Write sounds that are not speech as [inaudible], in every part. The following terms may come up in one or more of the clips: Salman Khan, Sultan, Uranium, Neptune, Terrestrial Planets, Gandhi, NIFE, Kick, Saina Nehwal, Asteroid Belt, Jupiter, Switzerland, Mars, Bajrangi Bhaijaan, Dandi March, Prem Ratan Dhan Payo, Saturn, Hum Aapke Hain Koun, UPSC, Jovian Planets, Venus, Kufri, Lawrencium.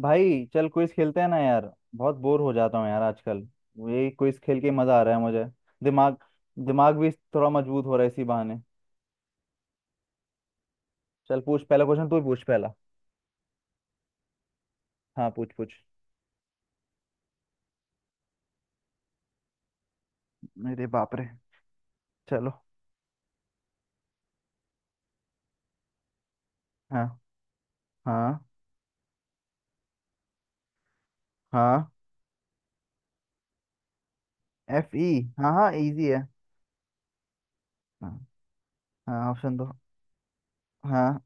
भाई चल क्विज खेलते हैं ना यार। बहुत बोर हो जाता हूँ यार आजकल। ये क्विज खेल के मजा आ रहा है मुझे। दिमाग दिमाग भी थोड़ा मजबूत हो रहा है इसी बहाने। चल पूछ पहला क्वेश्चन तू ही पूछ पहला। हाँ पूछ पूछ मेरे बाप रे। चलो। हाँ। हाँ। हाँ। एफ ई। हाँ हाँ इजी है। हाँ हाँ ऑप्शन दो। हाँ।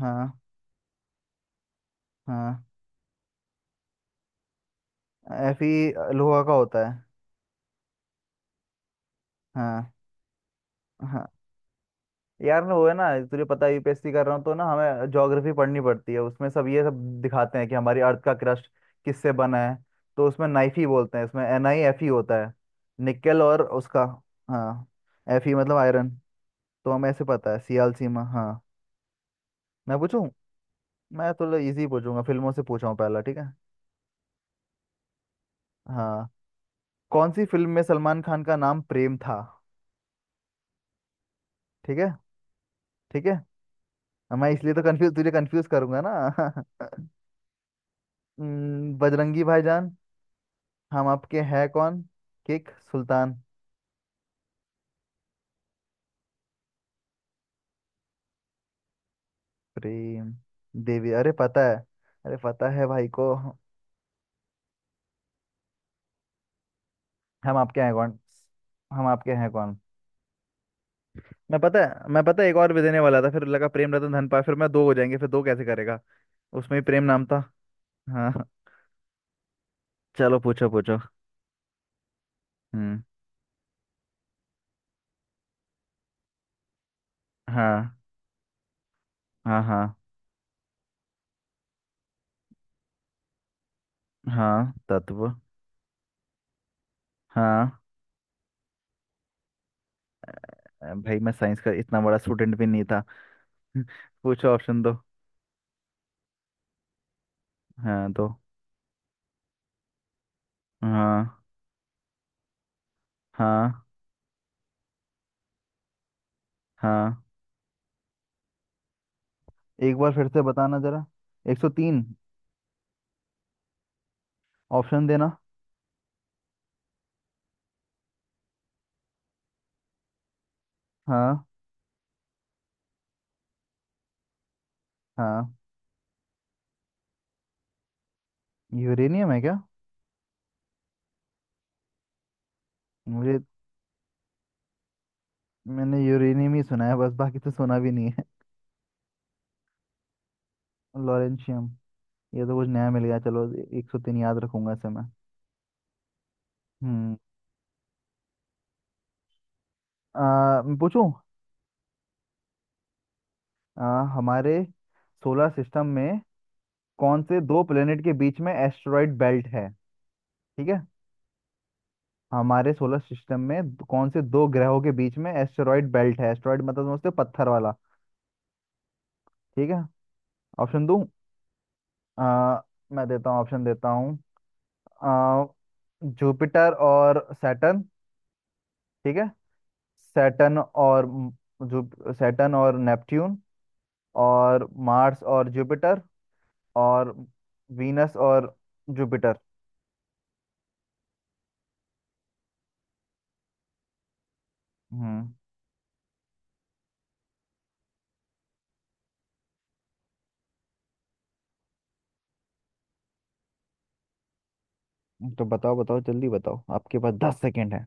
हाँ। हाँ। एफ ई लोहा का होता है। हाँ। हाँ। यार ना वो है ना तुझे पता है यूपीएससी कर रहा हूँ तो ना हमें ज्योग्राफी पढ़नी पड़ती है उसमें सब ये सब दिखाते हैं कि हमारी अर्थ का क्रस्ट किससे बना है। तो उसमें नाइफी बोलते हैं, इसमें एन आई एफ ई होता है। निकेल और उसका। हाँ। एफ ई मतलब आयरन। तो हमें ऐसे पता है सियाल सीमा। हाँ। मैं पूछूं। मैं थोड़ा इजी पूछूंगा, फिल्मों से पूछा हूँ पहला, ठीक है। हाँ। कौन सी फिल्म में सलमान खान का नाम प्रेम था? ठीक है। ठीक है। मैं इसलिए तो कंफ्यूज, तुझे कंफ्यूज करूंगा ना। [laughs] बजरंगी भाईजान। हम आपके हैं कौन। किक, सुल्तान। प्रेम। देवी, अरे पता है। अरे पता है भाई को। हम आपके हैं कौन। हम आपके हैं कौन। मैं पता है, मैं पता है, एक और भी देने वाला था, फिर लगा प्रेम रतन धन पाए, फिर मैं दो हो जाएंगे, फिर दो कैसे करेगा। उसमें ही प्रेम नाम था। हाँ। चलो पूछो पूछो हम्म। हाँ। हाँ। हाँ, तत्व। हाँ। भाई मैं साइंस का इतना बड़ा स्टूडेंट भी नहीं था। [laughs] पूछो, ऑप्शन दो। हाँ, दो। हाँ। हाँ। हाँ। एक बार फिर से बताना जरा। 103। ऑप्शन देना। हाँ। हाँ। यूरेनियम है क्या? मुझे। मैंने यूरेनियम ही सुना है, बस बाकी तो सुना भी नहीं है। लॉरेंशियम। ये तो कुछ नया मिल गया, चलो। 103 याद रखूंगा इसे मैं। हम्म। मैं पूछूं। हमारे सोलर सिस्टम में कौन से दो प्लेनेट के बीच में एस्टेरॉइड बेल्ट है? ठीक है। हमारे सोलर सिस्टम में कौन से दो ग्रहों के बीच में एस्टेरॉइड बेल्ट है? एस्टेरॉइड मतलब समझते हो, पत्थर वाला। ठीक है। ऑप्शन दूं? आ, मैं देता हूँ, ऑप्शन देता हूँ। आ, जुपिटर और सैटर्न। ठीक है। सैटर्न और म- जु सैटर्न और नेपट्यून। और मार्स और जुपिटर। और वीनस और जुपिटर। हम्म। तो बताओ बताओ, जल्दी बताओ, आपके पास 10 सेकेंड है।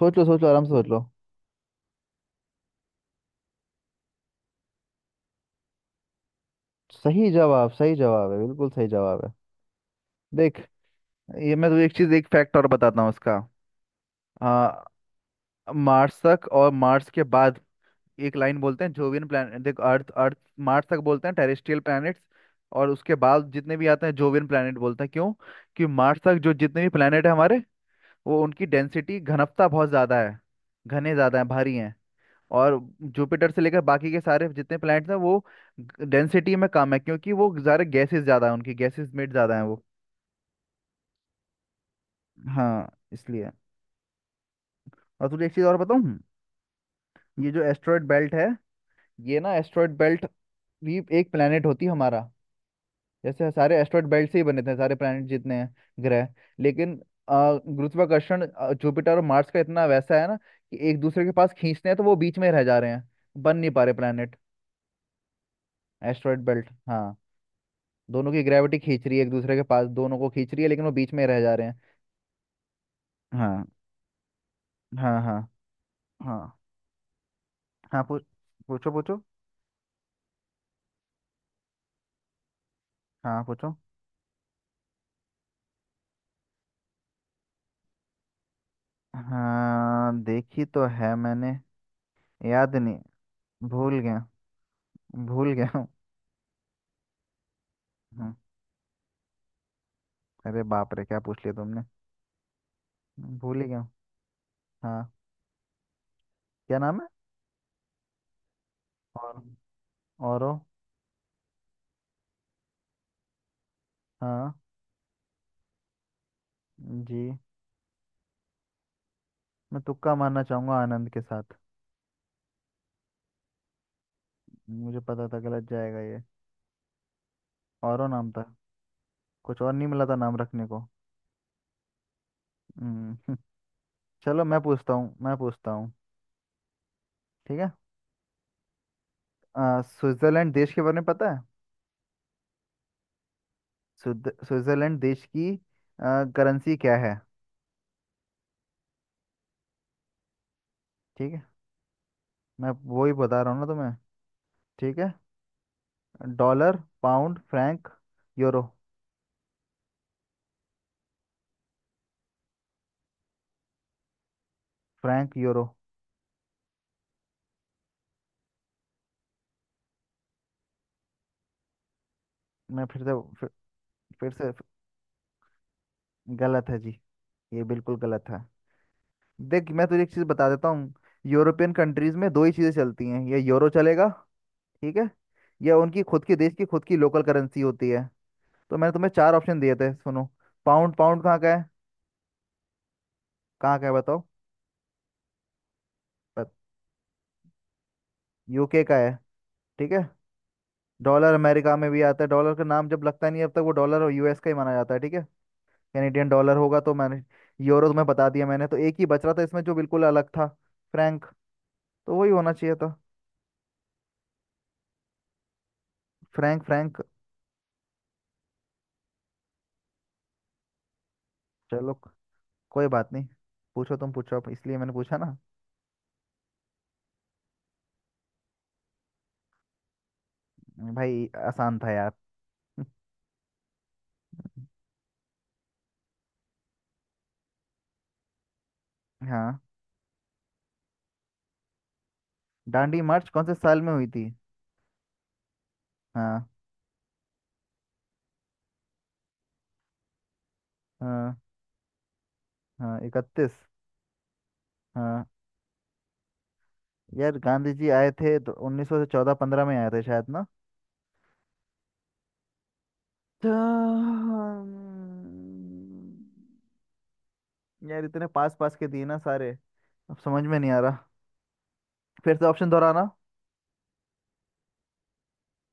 सोच लो, सोच लो, आराम से सोच लो। सही जवाब, सही जवाब है, बिल्कुल सही जवाब है। देख, ये मैं तुझे एक चीज, एक फैक्ट और बताता हूँ उसका। आ, मार्स के बाद एक लाइन बोलते हैं जोवियन प्लान। देख, अर्थ अर्थ मार्स तक बोलते हैं टेरेस्ट्रियल प्लैनेट्स। और उसके बाद जितने भी आते हैं जोवियन प्लैनेट बोलते हैं। क्यों? कि मार्स तक जो जितने भी प्लैनेट है हमारे, वो उनकी डेंसिटी घनत्व बहुत ज़्यादा है। घने ज़्यादा हैं, भारी हैं। और जुपिटर से लेकर बाकी के सारे जितने प्लैनेट्स हैं वो डेंसिटी में कम है, क्योंकि वो सारे गैसेस ज़्यादा हैं उनकी, गैसेस में ज़्यादा हैं वो। हाँ, इसलिए। और तुझे एक चीज़ और बताऊँ। ये जो एस्ट्रॉयड बेल्ट है, ये ना एस्ट्रॉयड बेल्ट भी एक प्लैनेट होती है हमारा। जैसे सारे एस्ट्रॉइड बेल्ट से ही बने थे, सारे प्लैनेट जितने हैं, ग्रह। लेकिन अ, गुरुत्वाकर्षण जुपिटर और मार्स का इतना वैसा है ना कि एक दूसरे के पास खींचते हैं, तो वो बीच में रह जा रहे हैं, बन नहीं पा रहे प्लैनेट। Asteroid belt. हाँ, दोनों की ग्रेविटी खींच रही है एक दूसरे के पास, दोनों को खींच रही है लेकिन वो बीच में रह जा रहे हैं। हाँ। हाँ। हाँ। हाँ हाँ पूछ। पूछो पूछो हाँ, पूछो। हाँ, देखी तो है मैंने। याद नहीं। भूल गया। भूल गया हूँ। हम्म, अरे बाप रे, क्या पूछ लिया तुमने। भूल ही गया। हाँ। क्या नाम है? और। औरो। हाँ। जी। मैं तुक्का मारना चाहूंगा आनंद के साथ। मुझे पता था गलत जाएगा ये। औरो नाम था? कुछ और नहीं मिला था नाम रखने को। हम्म। [laughs] चलो, मैं पूछता हूँ। ठीक है। स्विट्जरलैंड देश के बारे में पता है? स्विट्जरलैंड देश की करेंसी क्या है? ठीक है। मैं वो ही बता रहा हूँ ना तुम्हें। ठीक है। Dollar, pound, franc, euro. Franc, euro. मैं फिर से। फिर, फिर से। गलत है जी, ये बिल्कुल गलत है। देख मैं तुझे एक चीज बता देता हूँ। यूरोपियन कंट्रीज में दो ही चीजें चलती हैं, या यूरो चलेगा, ठीक है, या उनकी खुद के देश की खुद की लोकल करेंसी होती है। तो मैंने तुम्हें चार ऑप्शन दिए थे, सुनो। पाउंड पाउंड कहाँ का है? कहाँ का है बताओ? यूके का है, ठीक है। डॉलर अमेरिका में भी आता है, डॉलर का नाम जब लगता नहीं है, अब तक वो डॉलर और यूएस का ही माना जाता है, ठीक है। कैनेडियन डॉलर होगा, तो मैंने यूरो तुम्हें बता दिया, मैंने तो एक ही बच रहा था इसमें जो बिल्कुल अलग था, फ्रैंक, तो वही होना चाहिए था। फ्रैंक फ्रैंक चलो, कोई बात नहीं। पूछो, तुम पूछो, इसलिए मैंने पूछा ना। भाई आसान था यार। [laughs] हाँ। दांडी मार्च कौन से साल में हुई थी? हाँ। हाँ। हाँ, इकतीस। हाँ। यार गांधी जी आए थे तो 1914-15 में आए थे शायद ना। तो, हम्म, यार इतने पास पास के दिए ना सारे, अब समझ में नहीं आ रहा। फिर से ऑप्शन दोहराना।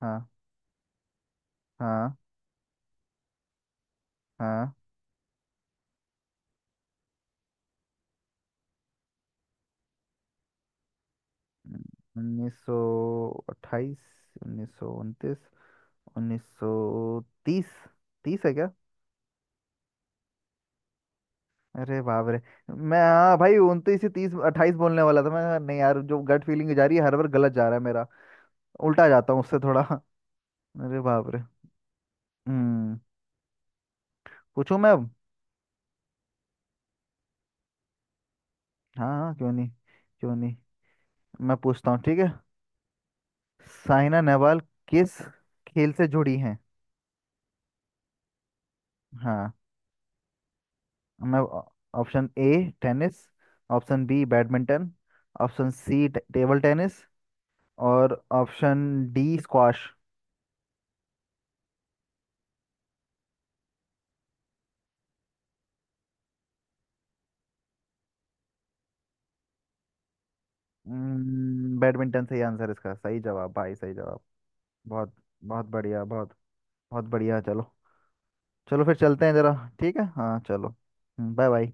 हाँ। हाँ। हाँ। 1928, 1929, 1930। तीस है क्या? अरे बाप रे। मैं, हाँ भाई, उनतीस से तीस अट्ठाईस बोलने वाला था मैं, कहा नहीं यार, जो गट फीलिंग जा रही है हर बार गलत जा रहा है मेरा, उल्टा जाता हूँ उससे थोड़ा। [laughs] अरे बाप रे। हम्म। पूछूं मैं अब? हाँ हाँ, क्यों नहीं, क्यों नहीं। मैं पूछता हूँ, ठीक है। साइना नेहवाल किस खेल से जुड़ी हैं? हाँ। मैं, option A tennis, option B badminton, option C table tennis, और ऑप्शन डी स्क्वाश। बैडमिंटन सही आंसर, इसका सही जवाब भाई, सही जवाब। बहुत बहुत बहुत बढ़िया चलो। चलो फिर चलते हैं जरा। ठीक है, हाँ चलो। Bye bye.